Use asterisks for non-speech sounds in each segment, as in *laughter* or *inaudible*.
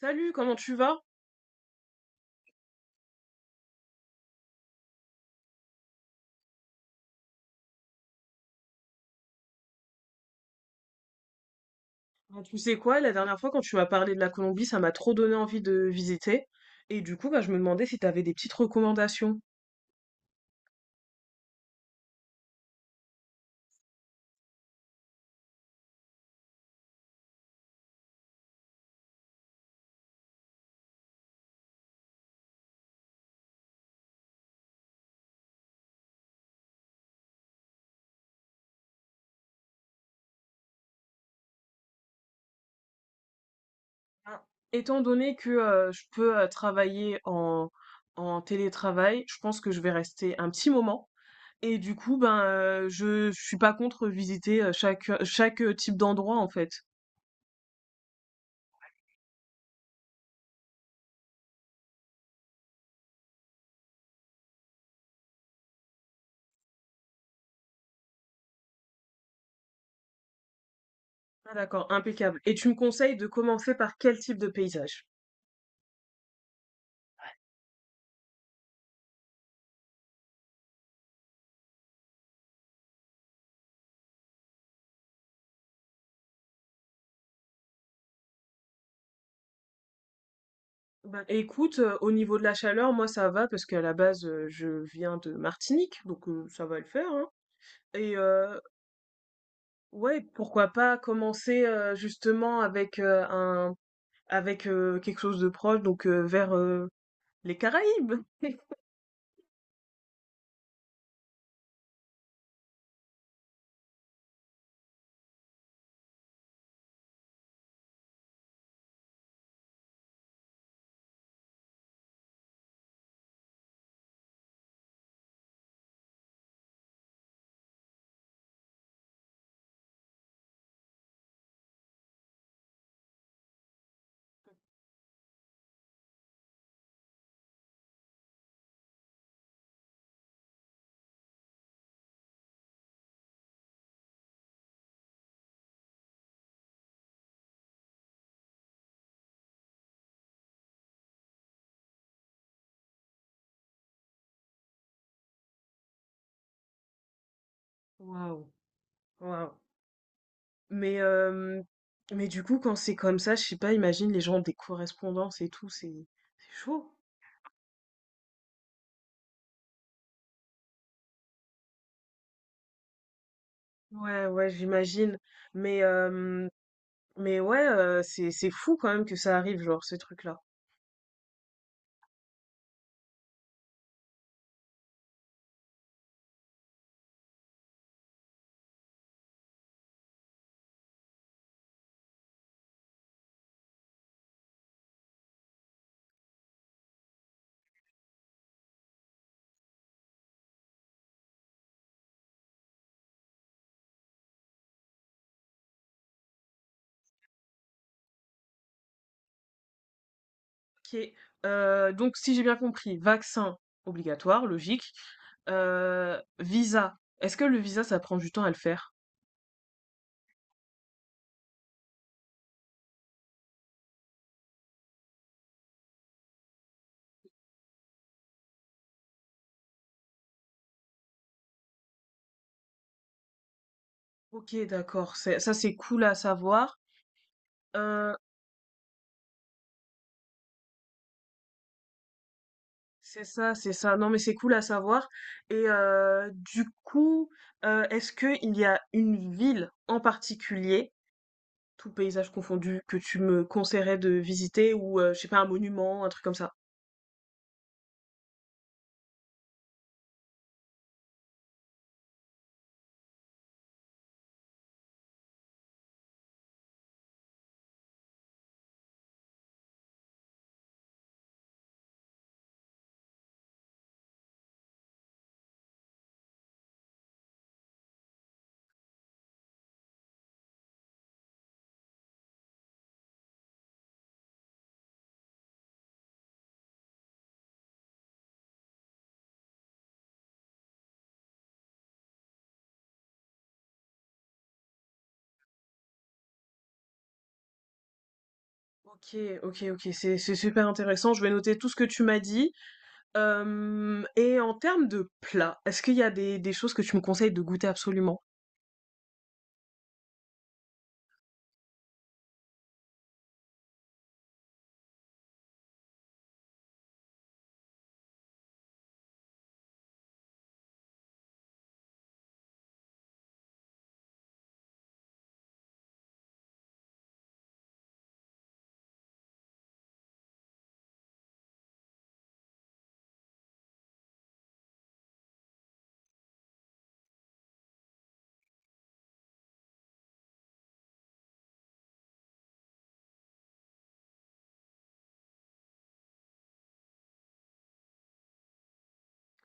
Salut, comment tu vas? Bon, tu sais quoi, la dernière fois quand tu m'as parlé de la Colombie, ça m'a trop donné envie de visiter. Et du coup, bah, je me demandais si tu avais des petites recommandations. Ben, étant donné que je peux travailler en, en télétravail, je pense que je vais rester un petit moment. Et du coup, ben, je suis pas contre visiter chaque, chaque type d'endroit en fait. Ah, d'accord, impeccable. Et tu me conseilles de commencer par quel type de paysage? Bah, écoute, au niveau de la chaleur, moi ça va parce qu'à la base je viens de Martinique, donc ça va le faire, hein. Et ouais, pourquoi pas commencer justement avec un avec quelque chose de proche, donc vers les Caraïbes. Waouh. Waouh. Mais euh, mais du coup quand c'est comme ça, je sais pas, imagine les gens ont des correspondances et tout, c'est chaud. Ouais, ouais, j'imagine. Mais euh, mais ouais, c'est fou quand même que ça arrive, genre ces trucs-là. OK, donc si j'ai bien compris, vaccin obligatoire, logique. Visa, est-ce que le visa, ça prend du temps à le faire? OK, d'accord, c'est ça, c'est cool à savoir. Euh, C'est ça, c'est ça. Non, mais c'est cool à savoir. Et du coup, est-ce qu'il y a une ville en particulier, tout paysage confondu, que tu me conseillerais de visiter ou, je sais pas, un monument, un truc comme ça? Ok, ok, ok, c'est super intéressant. Je vais noter tout ce que tu m'as dit. Et en termes de plats, est-ce qu'il y a des choses que tu me conseilles de goûter absolument?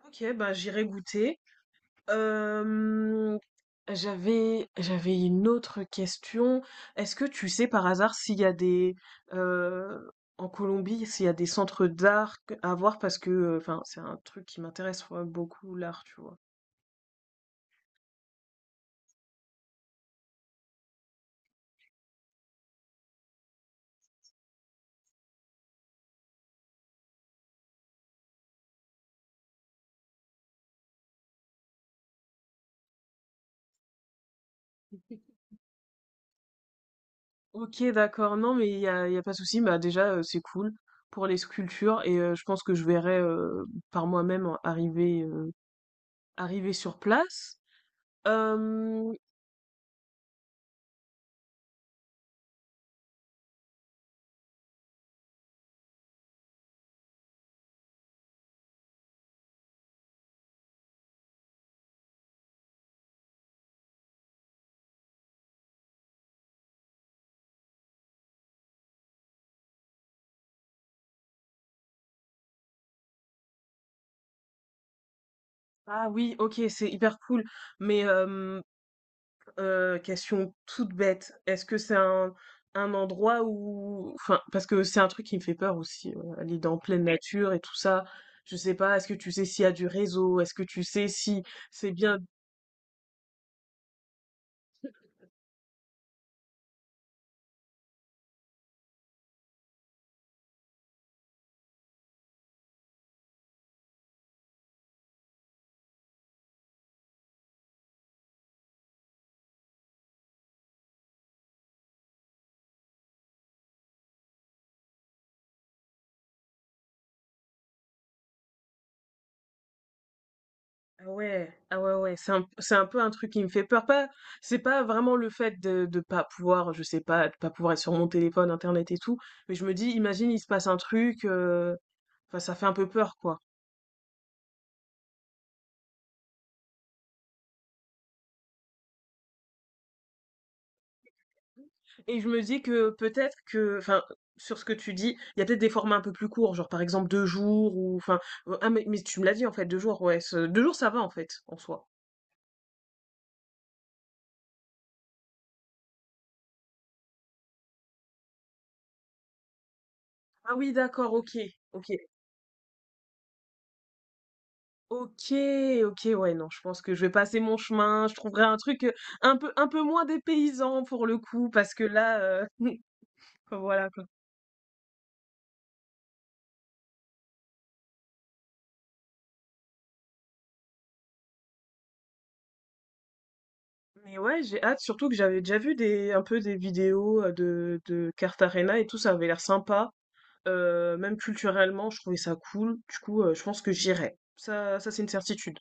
Ok, ben j'irai goûter. Hem, j'avais une autre question. Est-ce que tu sais par hasard s'il y a des heu, en Colombie, s'il y a des centres d'art à voir? Parce que, enfin, c'est un truc qui m'intéresse, ouais, beaucoup l'art, tu vois? OK, d'accord. Non, mais il y a pas de souci. Bah, déjà, c'est cool pour les sculptures et je pense que je verrai, par moi-même arriver, sur place. Hem, ah oui, OK, c'est hyper cool, mais hem heu, question toute bête, est-ce que c'est un endroit où enfin, parce que c'est un truc qui me fait peur aussi, aller dans pleine Mmh. nature et tout ça. Je sais pas, est-ce que tu sais s'il y a du réseau? Est-ce que tu sais si c'est bien ah ouais, ah ouais, ouais, c'est un peu un truc qui me fait peur. Pas c'est pas vraiment le fait de pas pouvoir, je sais pas, de pas pouvoir être sur mon téléphone, internet et tout, mais je me dis: «Imagine, il se passe un truc», enfin ça fait un peu peur, quoi. Et je me dis que peut-être que, enfin, sur ce que tu dis, il y a peut-être des formats un peu plus courts, genre par exemple deux jours ou, enfin, ah mais tu me l'as dit en fait, deux jours, ouais, deux jours ça va en fait, en soi. Ah oui, d'accord, ok, ok, ok, ok, ouais, non, je pense que je vais passer mon chemin, je trouverai un truc un peu moins dépaysant pour le coup, parce que là, *laughs* voilà quoi. Mais ouais, j'ai hâte, surtout que j'avais déjà vu des, un peu des vidéos de Carte Arena et tout, ça avait l'air sympa. Même culturellement, je trouvais ça cool. Du coup, je pense que j'irai. Ça ça, c'est une certitude.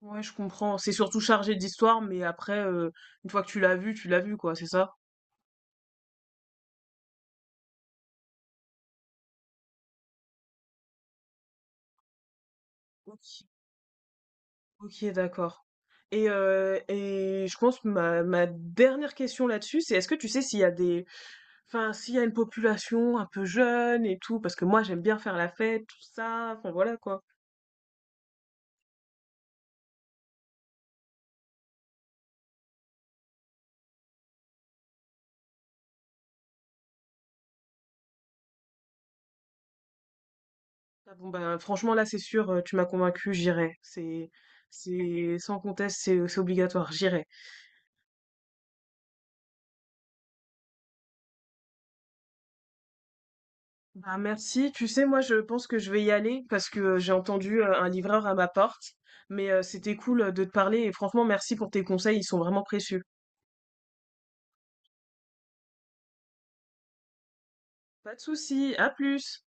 Ouais, je comprends. C'est surtout chargé d'histoire, mais après, une fois que tu l'as vu, quoi, c'est ça? OK. OK, d'accord. Et je pense que ma dernière question là-dessus, c'est est-ce que tu sais s'il y a des enfin, s'il y a une population un peu jeune et tout? Parce que moi, j'aime bien faire la fête, tout ça, enfin, voilà, quoi. Ah bon, ben, franchement, là, c'est sûr, tu m'as convaincu j'irai. C'est sans conteste, c'est obligatoire, j'irai. Bah, merci. Tu sais, moi, je pense que je vais y aller parce que j'ai entendu un livreur à ma porte. Mais c'était cool de te parler et franchement, merci pour tes conseils, ils sont vraiment précieux. Pas de souci, à plus.